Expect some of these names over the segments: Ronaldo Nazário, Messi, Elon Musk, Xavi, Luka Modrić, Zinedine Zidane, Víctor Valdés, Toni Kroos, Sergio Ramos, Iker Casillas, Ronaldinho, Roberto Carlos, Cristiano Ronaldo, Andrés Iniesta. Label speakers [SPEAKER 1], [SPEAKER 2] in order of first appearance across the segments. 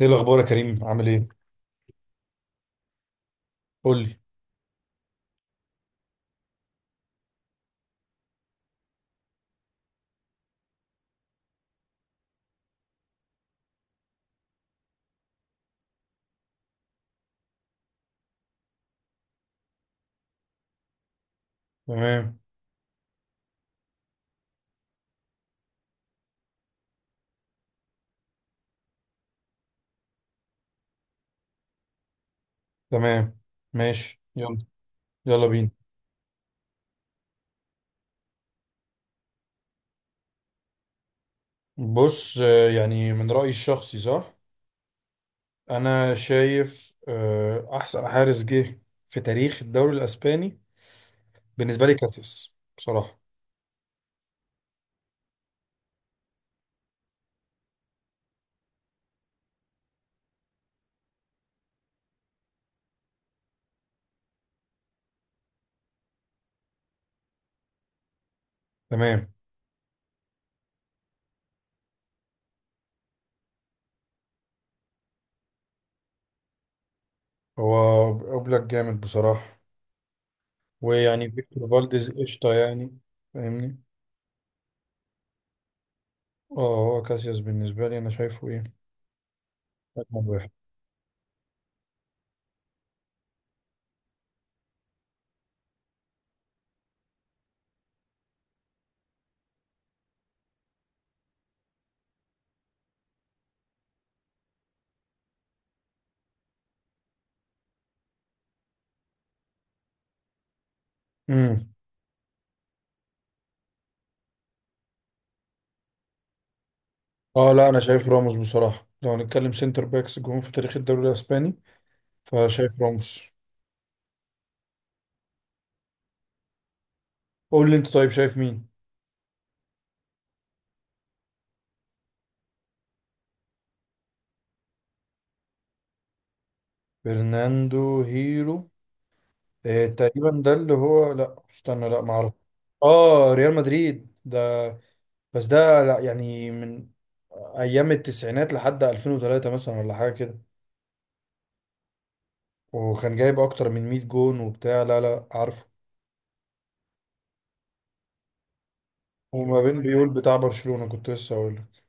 [SPEAKER 1] ايه الاخبار يا كريم؟ عامل ايه؟ قول لي. تمام. تمام. ماشي، يلا. يلا بينا. بص، يعني من رايي الشخصي، صح؟ انا شايف احسن حارس جه في تاريخ الدوري الاسباني بالنسبه لي كاتيس، بصراحه. تمام. هو اوبلاك جامد بصراحه. ويعني فيكتور فالديز قشطه، يعني. فاهمني؟ اه، هو كاسياس بالنسبه لي، انا شايفه ايه. رقم واحد. امم، اه، لا، انا شايف راموس بصراحه. لو هنتكلم سنتر باكس جون في تاريخ الدوري الاسباني، فشايف راموس. قول لي انت، طيب شايف مين؟ برناندو هيرو. اه، تقريبا ده اللي هو. لا استنى، لا ما اعرف. اه، ريال مدريد ده. بس ده، لا يعني، من ايام التسعينات لحد 2003 مثلا، ولا حاجه كده. وكان جايب اكتر من 100 جون وبتاع، لا لا، عارفه. وما بين بيقول بتاع برشلونه، كنت لسه اقول لك.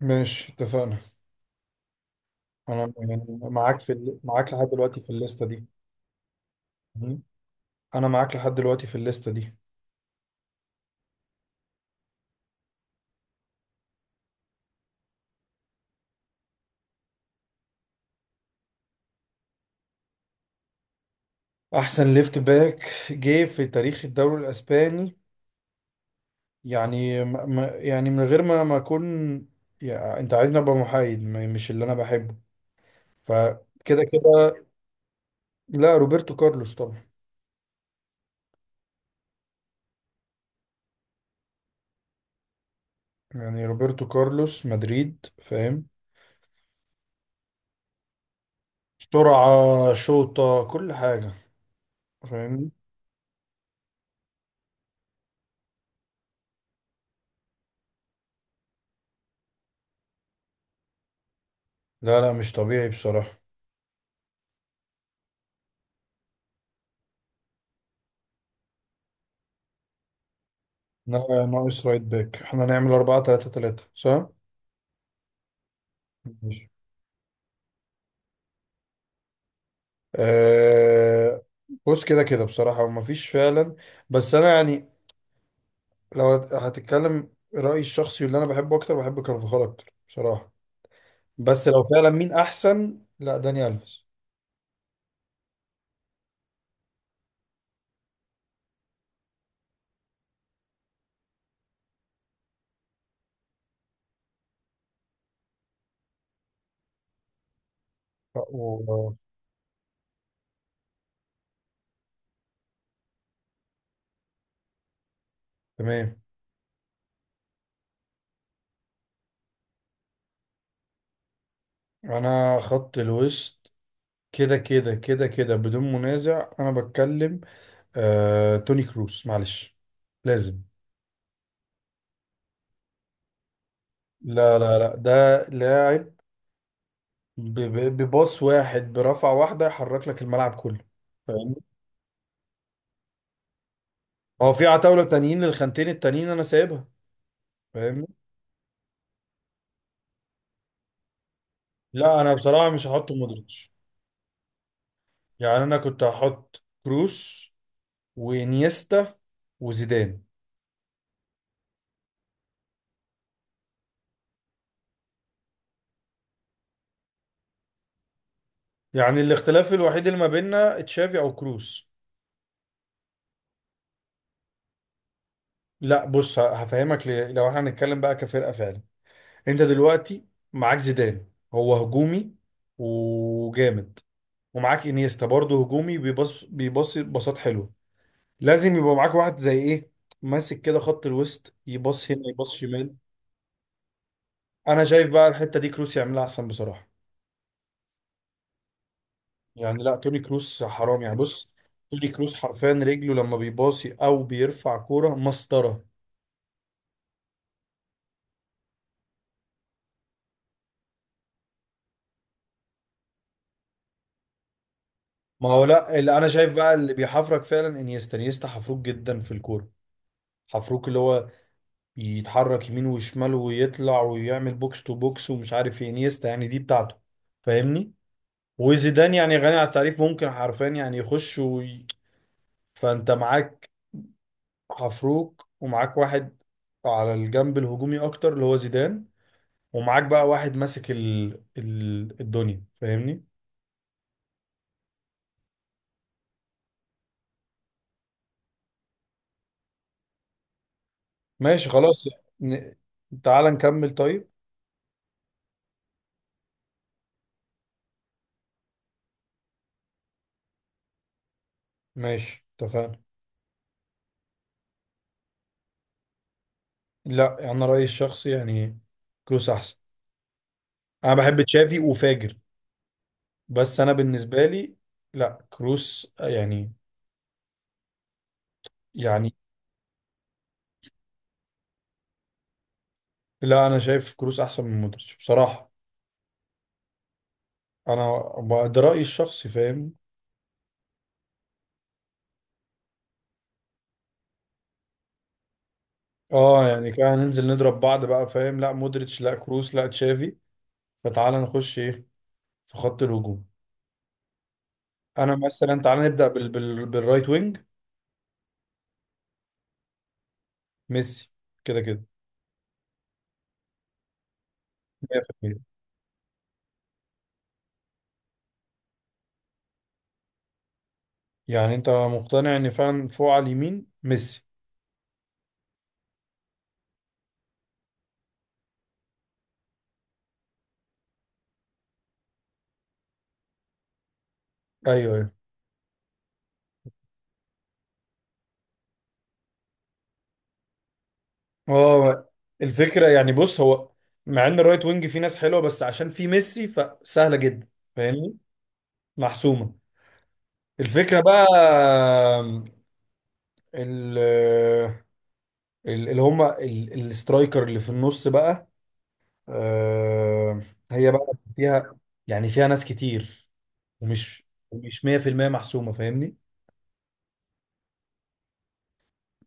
[SPEAKER 1] ماشي، اتفقنا. انا يعني معاك في معاك لحد دلوقتي في الليسته دي. مم. انا معاك لحد دلوقتي في الليسته دي. احسن ليفت باك جه في تاريخ الدوري الاسباني، يعني يعني من غير ما اكون، يعني انت عايزني ابقى محايد، مش اللي انا بحبه. فكده كده، لا، روبرتو كارلوس طبعا. يعني روبرتو كارلوس مدريد، فاهم؟ سرعة، شوطة، كل حاجة. فاهمني؟ لا لا، مش طبيعي بصراحة. ناقص رايت باك، احنا نعمل 4 3 3 صح؟ ماشي. أه، بص كده كده بصراحة، ومفيش فعلا. بس انا يعني، لو هتتكلم رأيي الشخصي، اللي انا بحبه اكتر، بحب كارفاخال اكتر بصراحة. بس لو فعلا مين احسن، لا، داني الفيس. و- تمام. انا خط الوسط كده كده كده كده بدون منازع، انا بتكلم توني كروس، معلش لازم. لا لا لا، ده لاعب بباص واحد، برفعة واحدة يحرك لك الملعب كله. فاهمني؟ هو في عتاولة تانيين للخانتين التانيين انا سايبها. فاهمني؟ لا، انا بصراحة مش هحط مودريتش. يعني انا كنت هحط كروس، وانيستا، وزيدان. يعني الاختلاف الوحيد اللي ما بيننا تشافي او كروس. لا، بص هفهمك ليه. لو احنا هنتكلم بقى كفرقة فعلا، انت دلوقتي معاك زيدان، هو هجومي وجامد، ومعاك انيستا برضه هجومي، بيبص بيبص بساط حلو. لازم يبقى معاك واحد زي ايه، ماسك كده خط الوسط، يبص هنا يبص شمال. انا شايف بقى الحتة دي كروس يعملها احسن بصراحة. يعني لا، توني كروس حرام، يعني بص، توني كروس حرفيا رجله لما بيباصي او بيرفع كوره مسطره. ما هو لا، اللي انا شايف بقى اللي بيحفرك فعلا انيستا، انيستا حفروك جدا في الكوره. حفروك، اللي هو يتحرك يمين وشمال، ويطلع، ويعمل بوكس تو بوكس، ومش عارف ايه، انيستا يعني دي بتاعته. فاهمني؟ وزيدان يعني غني عن التعريف، ممكن حرفيا يعني يخش فانت معاك حفروك، ومعاك واحد على الجنب الهجومي اكتر اللي هو زيدان، ومعاك بقى واحد ماسك الدنيا. فاهمني؟ ماشي، طب خلاص. ن... تعال نكمل طيب. ماشي، اتفقنا. لا، انا رأيي الشخصي يعني كروس احسن. انا بحب تشافي وفاجر، بس انا بالنسبة لي لا، كروس يعني، يعني، لا، انا شايف كروس احسن من مودريتش بصراحة. انا ده رأيي الشخصي، فاهم؟ اه، يعني كده ننزل نضرب بعض بقى، فاهم؟ لا مودريتش، لا كروس، لا تشافي. فتعال نخش ايه في خط الهجوم. انا مثلا تعال نبدا بالرايت وينج. ميسي كده كده، 100%. يعني انت مقتنع ان فعلا فوق على اليمين ميسي. ايوه، ايوه. هو الفكره، يعني بص، هو مع ان الرايت وينج فيه ناس حلوه، بس عشان فيه ميسي فسهله جدا. فاهمني؟ محسومه. الفكره بقى، ال... اللي هم السترايكر اللي في النص بقى، آه، هي بقى فيها، يعني فيها ناس كتير، ومش مش 100% محسومه. فاهمني؟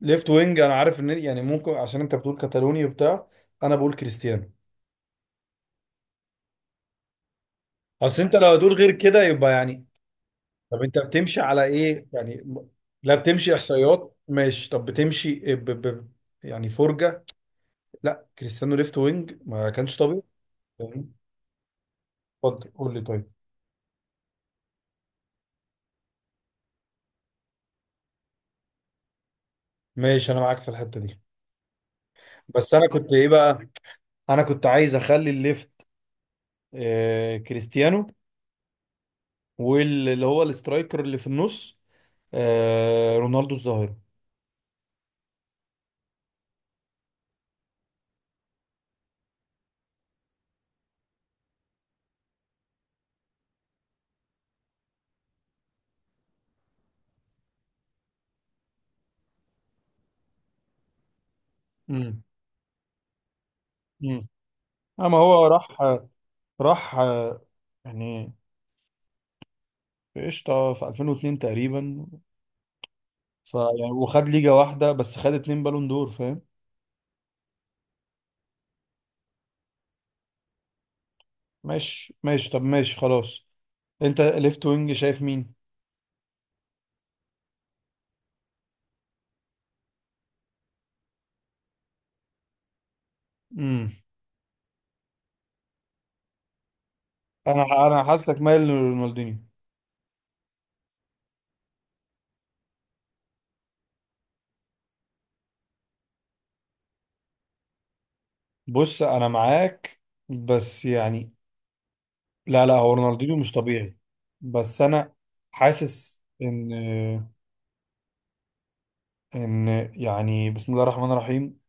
[SPEAKER 1] ليفت وينج، انا عارف ان يعني ممكن عشان انت بتقول كاتالوني وبتاع، انا بقول كريستيانو. اصل انت لو هتقول غير كده يبقى، يعني، طب انت بتمشي على ايه؟ يعني لا، بتمشي احصائيات؟ ماشي، طب بتمشي يعني فرجة؟ لا، كريستيانو ليفت وينج ما كانش طبيعي. فاهم؟ اتفضل قول لي، طيب. ماشي، انا معاك في الحتة دي. بس انا كنت ايه بقى؟ انا كنت عايز اخلي الليفت كريستيانو، واللي هو الاسترايكر اللي في النص رونالدو الظاهرة. امم، اما هو راح راح، يعني في قشطه في 2002 تقريبا، ف يعني وخد ليجا واحده بس، خد اتنين بالون دور، فاهم؟ ماشي ماشي، طب ماشي خلاص. انت ليفت وينج شايف مين؟ امم انا حاسسك مايل لرونالدينيو. بص انا معاك، بس يعني لا لا، هو رونالدينيو مش طبيعي. بس انا حاسس ان ان يعني، بسم الله الرحمن الرحيم.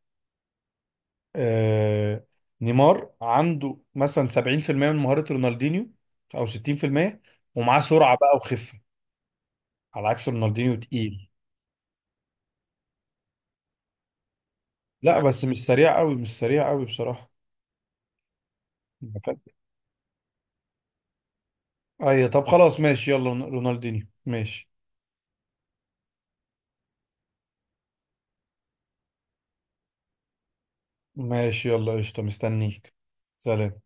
[SPEAKER 1] آه نيمار عنده مثلا 70% من مهارة رونالدينيو، او 60%، ومعاه سرعة بقى وخفة، على عكس رونالدينيو تقيل. لا، بس مش سريع قوي، مش سريع قوي بصراحة. اي، طب خلاص ماشي، يلا رونالدينيو ماشي. ماشي، يلا قشطة، مستنيك. سلام.